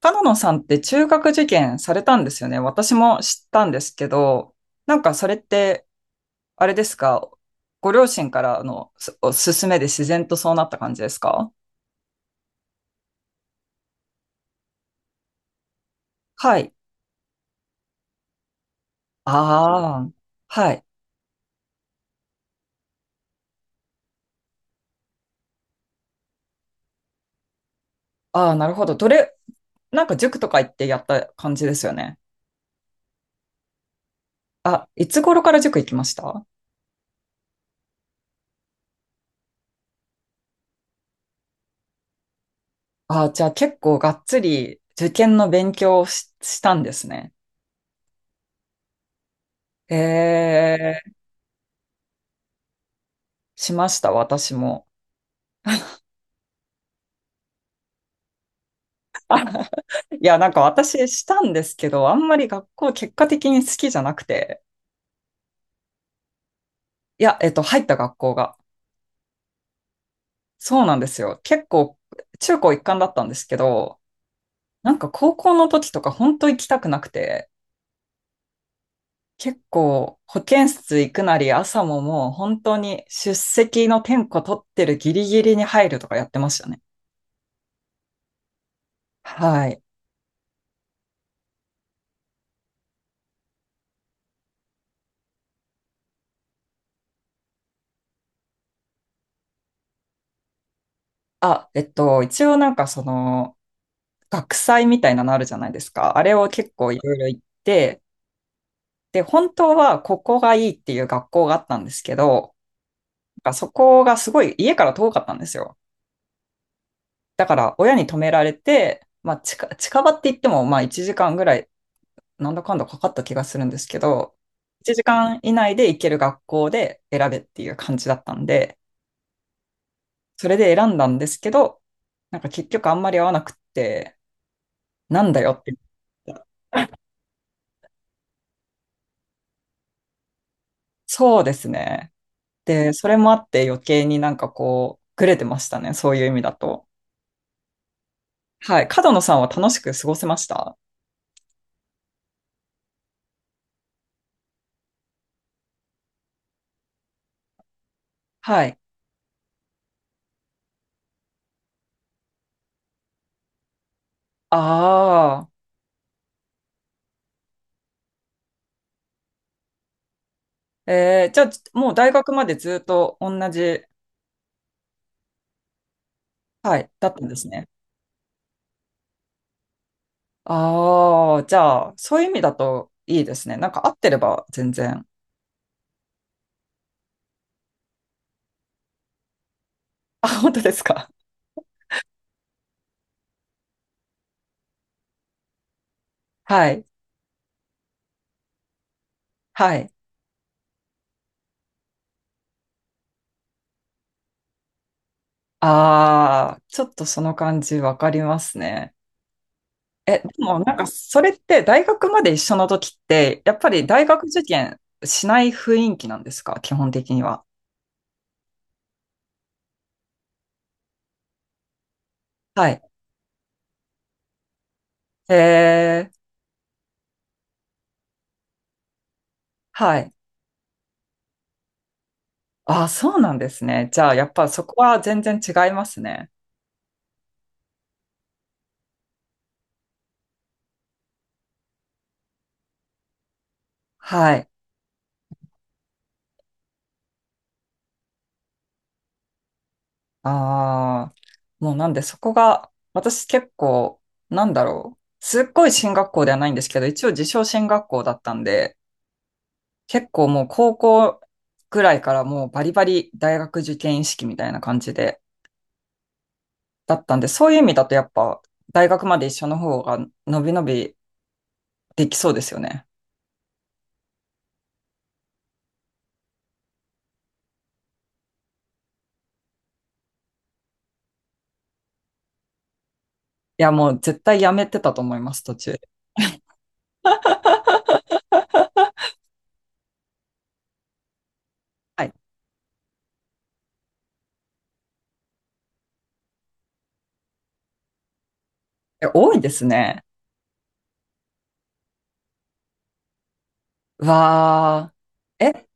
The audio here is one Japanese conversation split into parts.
角野さんって中学受験されたんですよね。私も知ったんですけど、なんかそれって、あれですか、ご両親からのお勧めで自然とそうなった感じですか？はい。ああ、はい。ああ、なるほど。なんか塾とか行ってやった感じですよね。あ、いつ頃から塾行きました？ああ、じゃあ結構がっつり受験の勉強をしたんですね。ええ、しました、私も。いや、なんか私したんですけど、あんまり学校結果的に好きじゃなくて、いや、入った学校が。そうなんですよ。結構、中高一貫だったんですけど、なんか高校の時とか本当行きたくなくて、結構保健室行くなり朝ももう本当に出席の点呼取ってるギリギリに入るとかやってましたね。はい。あ、一応なんかその学祭みたいなのあるじゃないですか。あれを結構いろいろ行って、で、本当はここがいいっていう学校があったんですけど、そこがすごい家から遠かったんですよ。だから親に止められて、まあ近場って言ってもまあ1時間ぐらいなんだかんだかかった気がするんですけど、1時間以内で行ける学校で選べっていう感じだったんで、それで選んだんですけど、なんか結局あんまり合わなくって、なんだよって言った。そうですね。で、それもあって余計になんかこう、ぐれてましたね。そういう意味だと。はい。角野さんは楽しく過ごせました？はい。ああ。じゃあ、もう大学までずっと同じ、はい、だったんですね。ああ、じゃあ、そういう意味だといいですね。なんか合ってれば全然。あ、本当ですか。はい。はい。ああ、ちょっとその感じわかりますね。え、でもなんかそれって大学まで一緒の時って、やっぱり大学受験しない雰囲気なんですか？基本的には。はい。えー、はい。あ、そうなんですね。じゃあ、やっぱそこは全然違いますね。はい。ああ、もうなんでそこが、私結構、なんだろう。すっごい進学校ではないんですけど、一応自称進学校だったんで、結構もう高校ぐらいからもうバリバリ大学受験意識みたいな感じで、だったんで、そういう意味だとやっぱ大学まで一緒の方が伸び伸びできそうですよね。いや、もう絶対やめてたと思います、途中。はい。え、多いですね。わあ。え、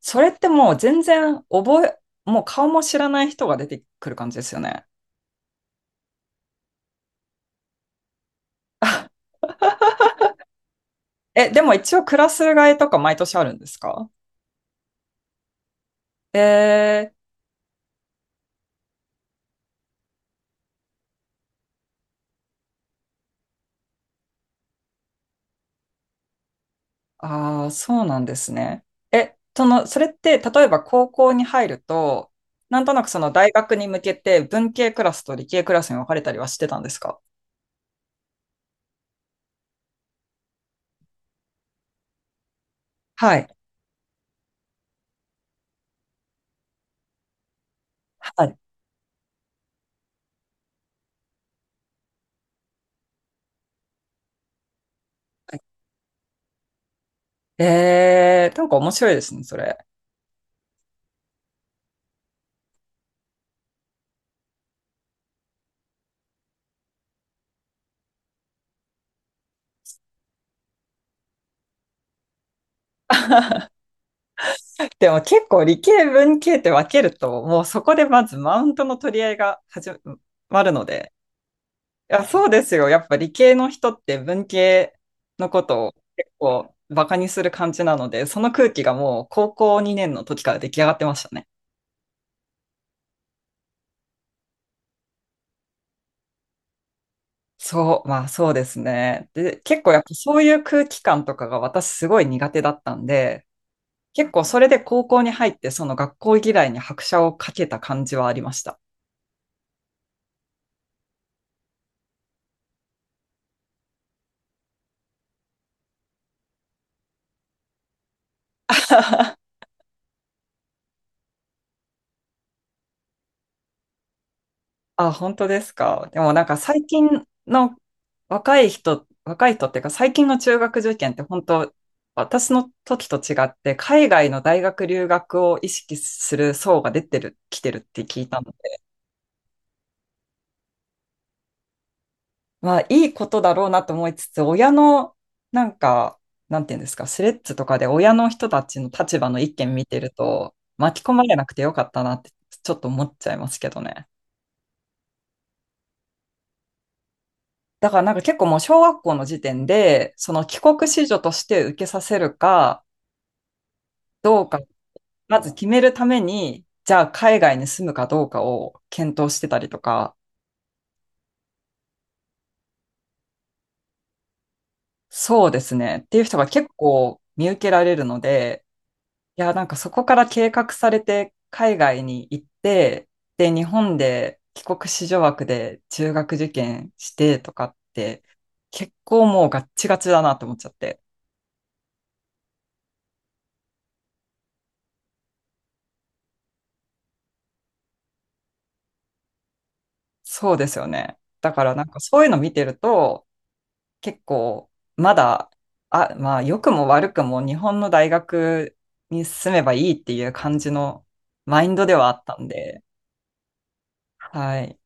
それってもう全然もう顔も知らない人が出てくる感じですよね。あえ、でも一応クラス替えとか毎年あるんですか？えー、ああ、そうなんですね。え、その、それって例えば高校に入ると、なんとなくその大学に向けて文系クラスと理系クラスに分かれたりはしてたんですか？はい。はい。なんか面白いですね、それ。でも結構理系文系って分けると、もうそこでまずマウントの取り合いが始まるので、いや、そうですよ。やっぱ理系の人って文系のことを結構バカにする感じなので、その空気がもう高校2年の時から出来上がってましたね。そう、まあそうですね。で、結構やっぱそういう空気感とかが私すごい苦手だったんで、結構それで高校に入ってその学校嫌いに拍車をかけた感じはありました。あ、本当ですか。でもなんか最近の若い人、若い人っていうか最近の中学受験って本当、私の時と違って海外の大学留学を意識する層が出てる、来てるって聞いたので、まあいいことだろうなと思いつつ、親のなんか、なんていうんですか、スレッズとかで親の人たちの立場の意見見てると巻き込まれなくてよかったなってちょっと思っちゃいますけどね。だからなんか結構もう小学校の時点で、その帰国子女として受けさせるかどうか、まず決めるために、じゃあ海外に住むかどうかを検討してたりとか、そうですね。っていう人が結構見受けられるので、いや、なんかそこから計画されて海外に行って、で、日本で帰国子女枠で中学受験してとかって、結構もうガッチガチだなと思っちゃって。そうですよね。だからなんかそういうの見てると、結構、まだ、あ、まあ、良くも悪くも日本の大学に進めばいいっていう感じのマインドではあったんで、はい。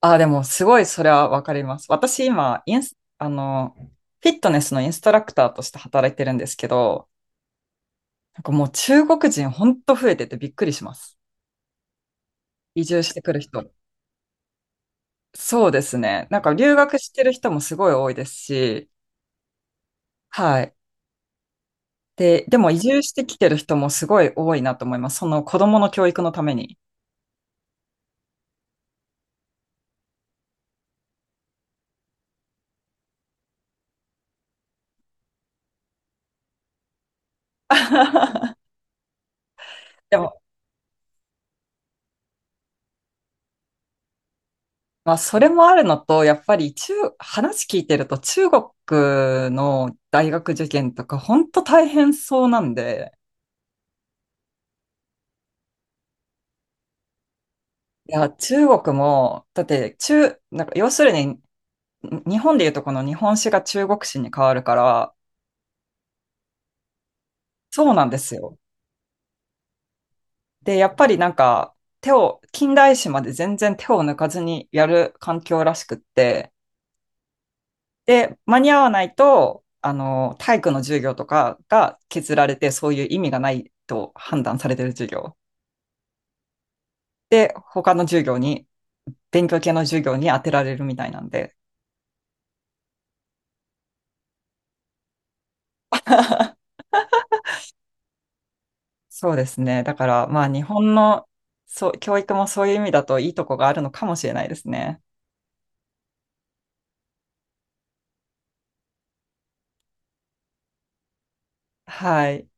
あ、でも、すごいそれはわかります。私、今、インス、フィットネスのインストラクターとして働いてるんですけど、なんかもう中国人ほんと増えててびっくりします。移住してくる人。そうですね。なんか留学してる人もすごい多いですし、はい。でも移住してきてる人もすごい多いなと思います。その子供の教育のために。でも、まあ、それもあるのと、やっぱり話聞いてると中国の大学受験とか、本当大変そうなんで、いや、中国も、だってなんか要するに、日本でいうとこの日本史が中国史に変わるから、そうなんですよ。で、やっぱりなんか、近代史まで全然手を抜かずにやる環境らしくって、で、間に合わないと、体育の授業とかが削られて、そういう意味がないと判断されてる授業。で、他の授業に、勉強系の授業に当てられるみたいなんで。そうですね。だから、まあ、日本の、そう、教育もそういう意味だといいとこがあるのかもしれないですね。はい。